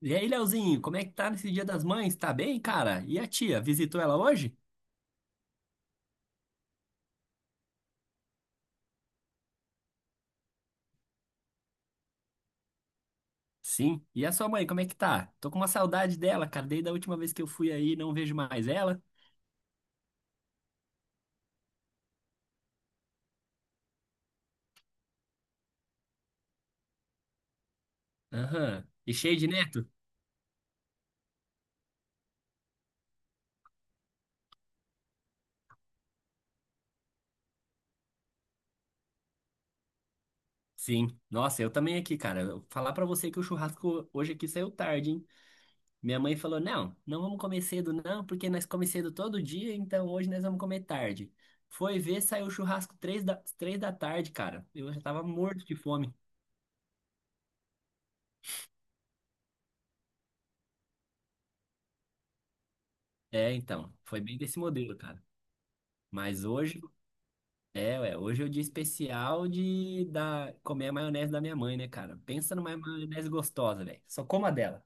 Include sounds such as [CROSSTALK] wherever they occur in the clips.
E aí, Leozinho, como é que tá nesse Dia das Mães? Tá bem, cara? E a tia, visitou ela hoje? Sim. E a sua mãe, como é que tá? Tô com uma saudade dela, cara. Desde a última vez que eu fui aí, não vejo mais ela. Aham. E cheio de neto? Sim. Nossa, eu também aqui, cara. Eu vou falar pra você que o churrasco hoje aqui saiu tarde, hein? Minha mãe falou: não, não vamos comer cedo, não, porque nós comemos cedo todo dia, então hoje nós vamos comer tarde. Foi ver, saiu o churrasco três da tarde, cara. Eu já tava morto de fome. É, então. Foi bem desse modelo, cara. Mas hoje, é, ué, hoje é o dia especial de comer a maionese da minha mãe, né, cara? Pensa numa maionese gostosa, velho. Só coma dela.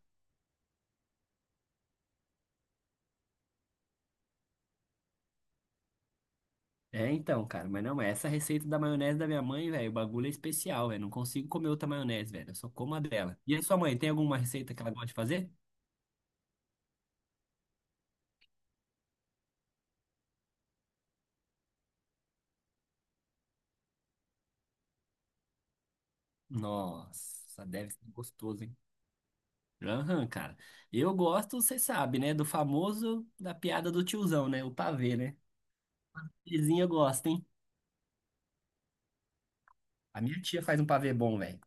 É, então, cara, mas não, essa receita da maionese da minha mãe, velho, o bagulho é especial, velho. Não consigo comer outra maionese, velho. Eu só como a dela. E a sua mãe, tem alguma receita que ela gosta de fazer? Nossa, deve ser gostoso, hein? Aham, cara. Eu gosto, você sabe, né, do famoso da piada do tiozão, né? O pavê, né? Vizinha gosta, hein? A minha tia faz um pavê bom, velho.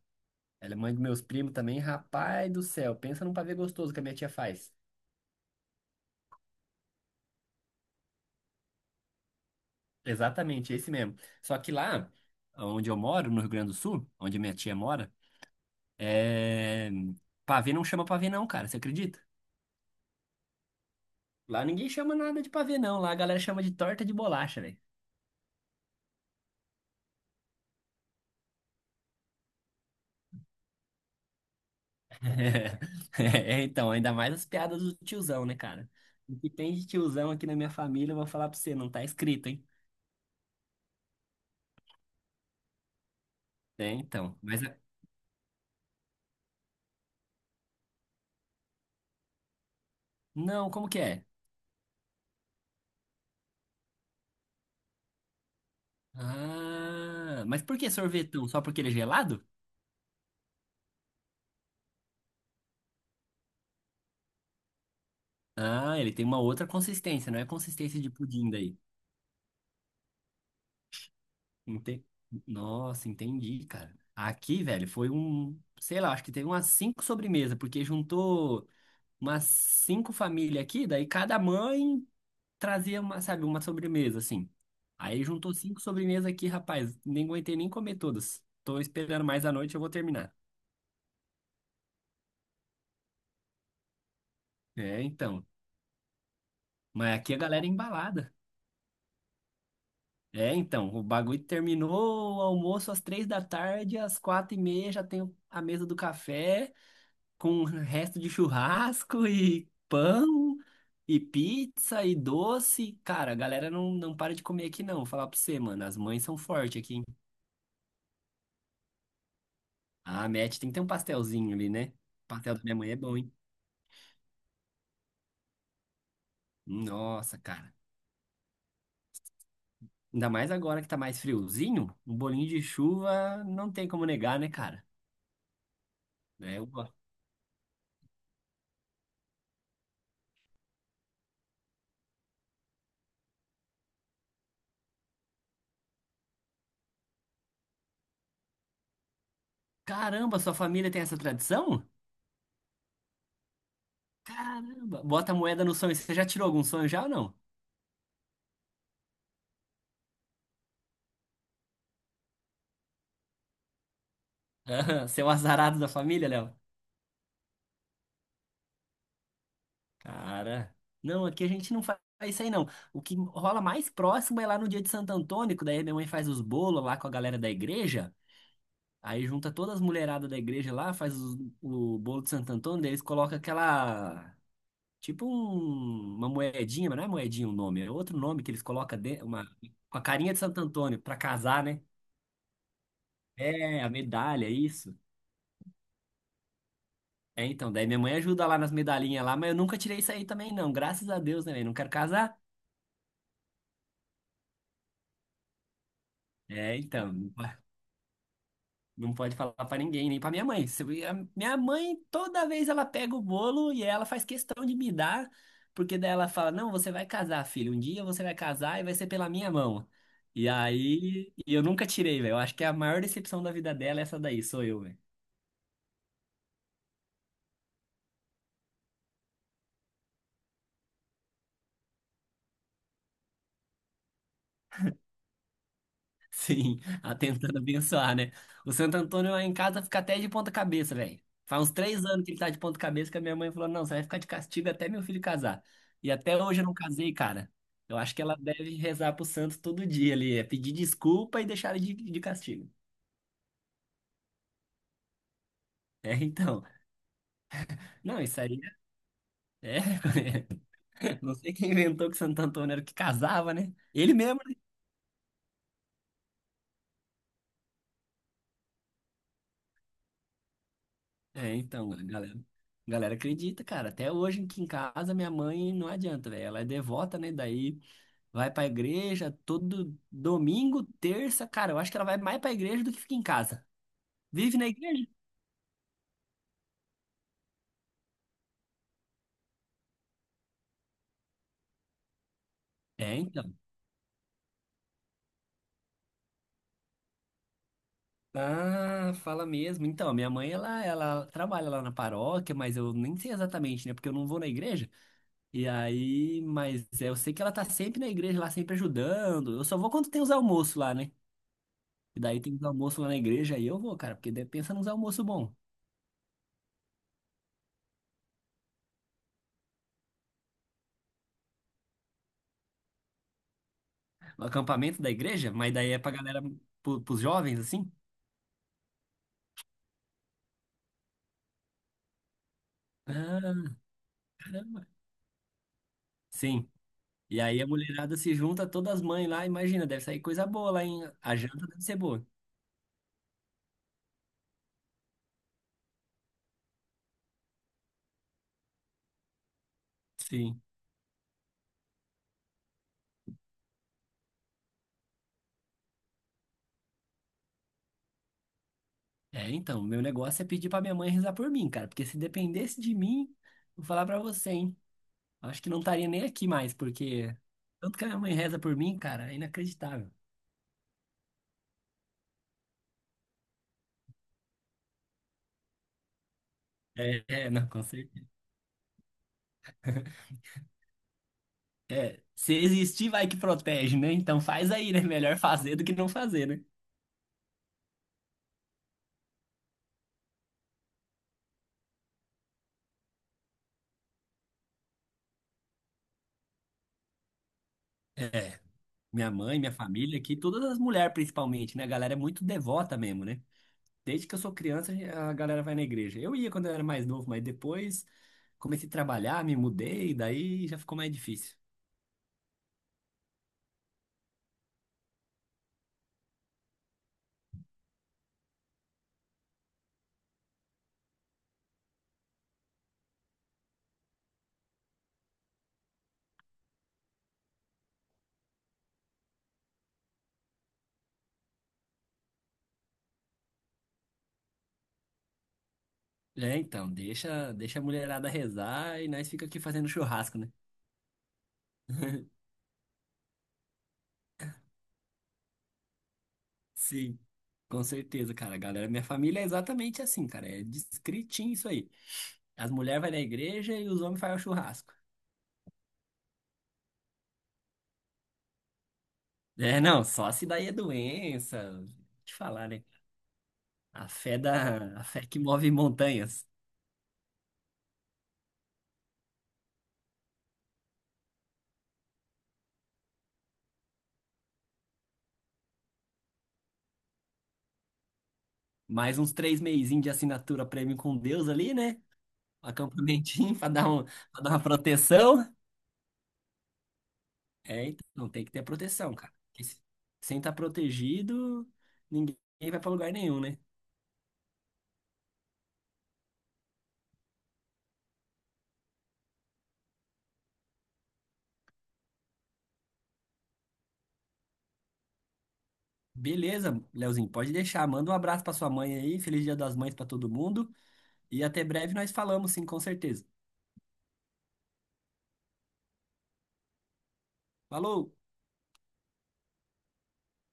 Ela é mãe dos meus primos também, rapaz do céu. Pensa num pavê gostoso que a minha tia faz. Exatamente, esse mesmo. Só que lá, onde eu moro, no Rio Grande do Sul, onde minha tia mora, é... pavê não chama pavê não, cara, você acredita? Lá ninguém chama nada de pavê não, lá a galera chama de torta de bolacha, velho. [LAUGHS] É, então, ainda mais as piadas do tiozão, né, cara? O que tem de tiozão aqui na minha família, eu vou falar pra você, não tá escrito, hein? É, então, Não, como que é? Ah, mas por que sorvetão? Só porque ele é gelado? Ah, ele tem uma outra consistência, não é consistência de pudim daí. Ente... Nossa, entendi, cara. Aqui, velho, foi um, sei lá, acho que teve umas cinco sobremesas, porque juntou umas cinco famílias aqui, daí cada mãe trazia uma, sabe, uma sobremesa, assim. Aí juntou cinco sobremesas aqui, rapaz, nem aguentei nem comer todas. Tô esperando mais à noite, eu vou terminar. É, então. Mas aqui a galera é embalada. É, então, o bagulho terminou o almoço às três da tarde, às quatro e meia já tem a mesa do café, com o resto de churrasco e pão e pizza e doce. Cara, a galera não para de comer aqui não, vou falar pra você, mano, as mães são fortes aqui, hein? Ah, Matt, tem que ter um pastelzinho ali, né? O pastel da minha mãe é bom, hein? Nossa, cara. Ainda mais agora que tá mais friozinho, um bolinho de chuva não tem como negar, né, cara? É, eu... gosto. Caramba, sua família tem essa tradição? Caramba, bota a moeda no sonho. Você já tirou algum sonho já ou não? [LAUGHS] Aham, seu azarado da família, Léo? Cara, não, aqui a gente não faz isso aí não. O que rola mais próximo é lá no dia de Santo Antônio, que daí minha mãe faz os bolos lá com a galera da igreja. Aí junta todas as mulheradas da igreja lá, faz o bolo de Santo Antônio, daí eles colocam aquela. Tipo uma moedinha, mas não é moedinha o nome, é outro nome que eles colocam uma, com a carinha de Santo Antônio pra casar, né? É, a medalha, isso. É, então, daí minha mãe ajuda lá nas medalhinhas lá, mas eu nunca tirei isso aí também, não. Graças a Deus, né, velho? Não quero casar. É, então, não pode falar pra ninguém, nem pra minha mãe. Se eu- a Minha mãe, toda vez ela pega o bolo e ela faz questão de me dar, porque daí ela fala, não, você vai casar, filho. Um dia você vai casar e vai ser pela minha mão. E aí, e eu nunca tirei, velho. Eu acho que a maior decepção da vida dela é essa daí, sou eu, velho. Sim, a tentando abençoar, né? O Santo Antônio lá em casa fica até de ponta cabeça, velho. Faz uns 3 anos que ele tá de ponta cabeça que a minha mãe falou, não, você vai ficar de castigo até meu filho casar. E até hoje eu não casei, cara. Eu acho que ela deve rezar pro santo todo dia ali, é pedir desculpa e deixar ele de castigo. É, então. Não, isso aí é. [LAUGHS] Não sei quem inventou que o Santo Antônio era o que casava, né? Ele mesmo, né? É, então, a galera acredita, cara. Até hoje aqui em casa, minha mãe não adianta, velho. Ela é devota, né? Daí. Vai pra igreja todo domingo, terça, cara. Eu acho que ela vai mais pra igreja do que fica em casa. Vive na igreja? É, então. Ah, fala mesmo. Então, minha mãe, ela trabalha lá na paróquia, mas eu nem sei exatamente, né? Porque eu não vou na igreja. E aí, mas é, eu sei que ela tá sempre na igreja lá, sempre ajudando. Eu só vou quando tem os almoços lá, né? E daí tem os almoços lá na igreja, aí eu vou, cara, porque daí pensa nos almoços bons. O acampamento da igreja, mas daí é pra galera, pros jovens, assim. Ah, caramba. Sim. E aí a mulherada se junta, todas as mães lá, imagina, deve sair coisa boa lá, hein? A janta deve ser boa. Sim. É, então, meu negócio é pedir pra minha mãe rezar por mim, cara, porque se dependesse de mim, vou falar pra você, hein? Acho que não estaria nem aqui mais, porque tanto que a minha mãe reza por mim, cara, é inacreditável. É, é, não, com certeza. É, se existir, vai que protege, né? Então faz aí, né? Melhor fazer do que não fazer, né? É, minha mãe, minha família aqui, todas as mulheres principalmente, né? A galera é muito devota mesmo, né? Desde que eu sou criança, a galera vai na igreja. Eu ia quando eu era mais novo, mas depois comecei a trabalhar, me mudei, daí já ficou mais difícil. É, então, deixa a mulherada rezar e nós fica aqui fazendo churrasco, né? Sim, com certeza, cara. Galera, minha família é exatamente assim, cara. É discritinho isso aí. As mulheres vão na igreja e os homens fazem o churrasco. É, não, só se daí é doença. Vou te falar, né? A fé que move montanhas. Mais uns 3 meizinhos de assinatura premium com Deus ali, né? Um Acampamentinho [LAUGHS] pra dar uma proteção. É, então tem que ter proteção, cara. Porque se- Sem estar protegido, ninguém vai para lugar nenhum, né? Beleza, Leozinho, pode deixar. Manda um abraço para sua mãe aí. Feliz Dia das Mães para todo mundo. E até breve nós falamos, sim, com certeza. Falou!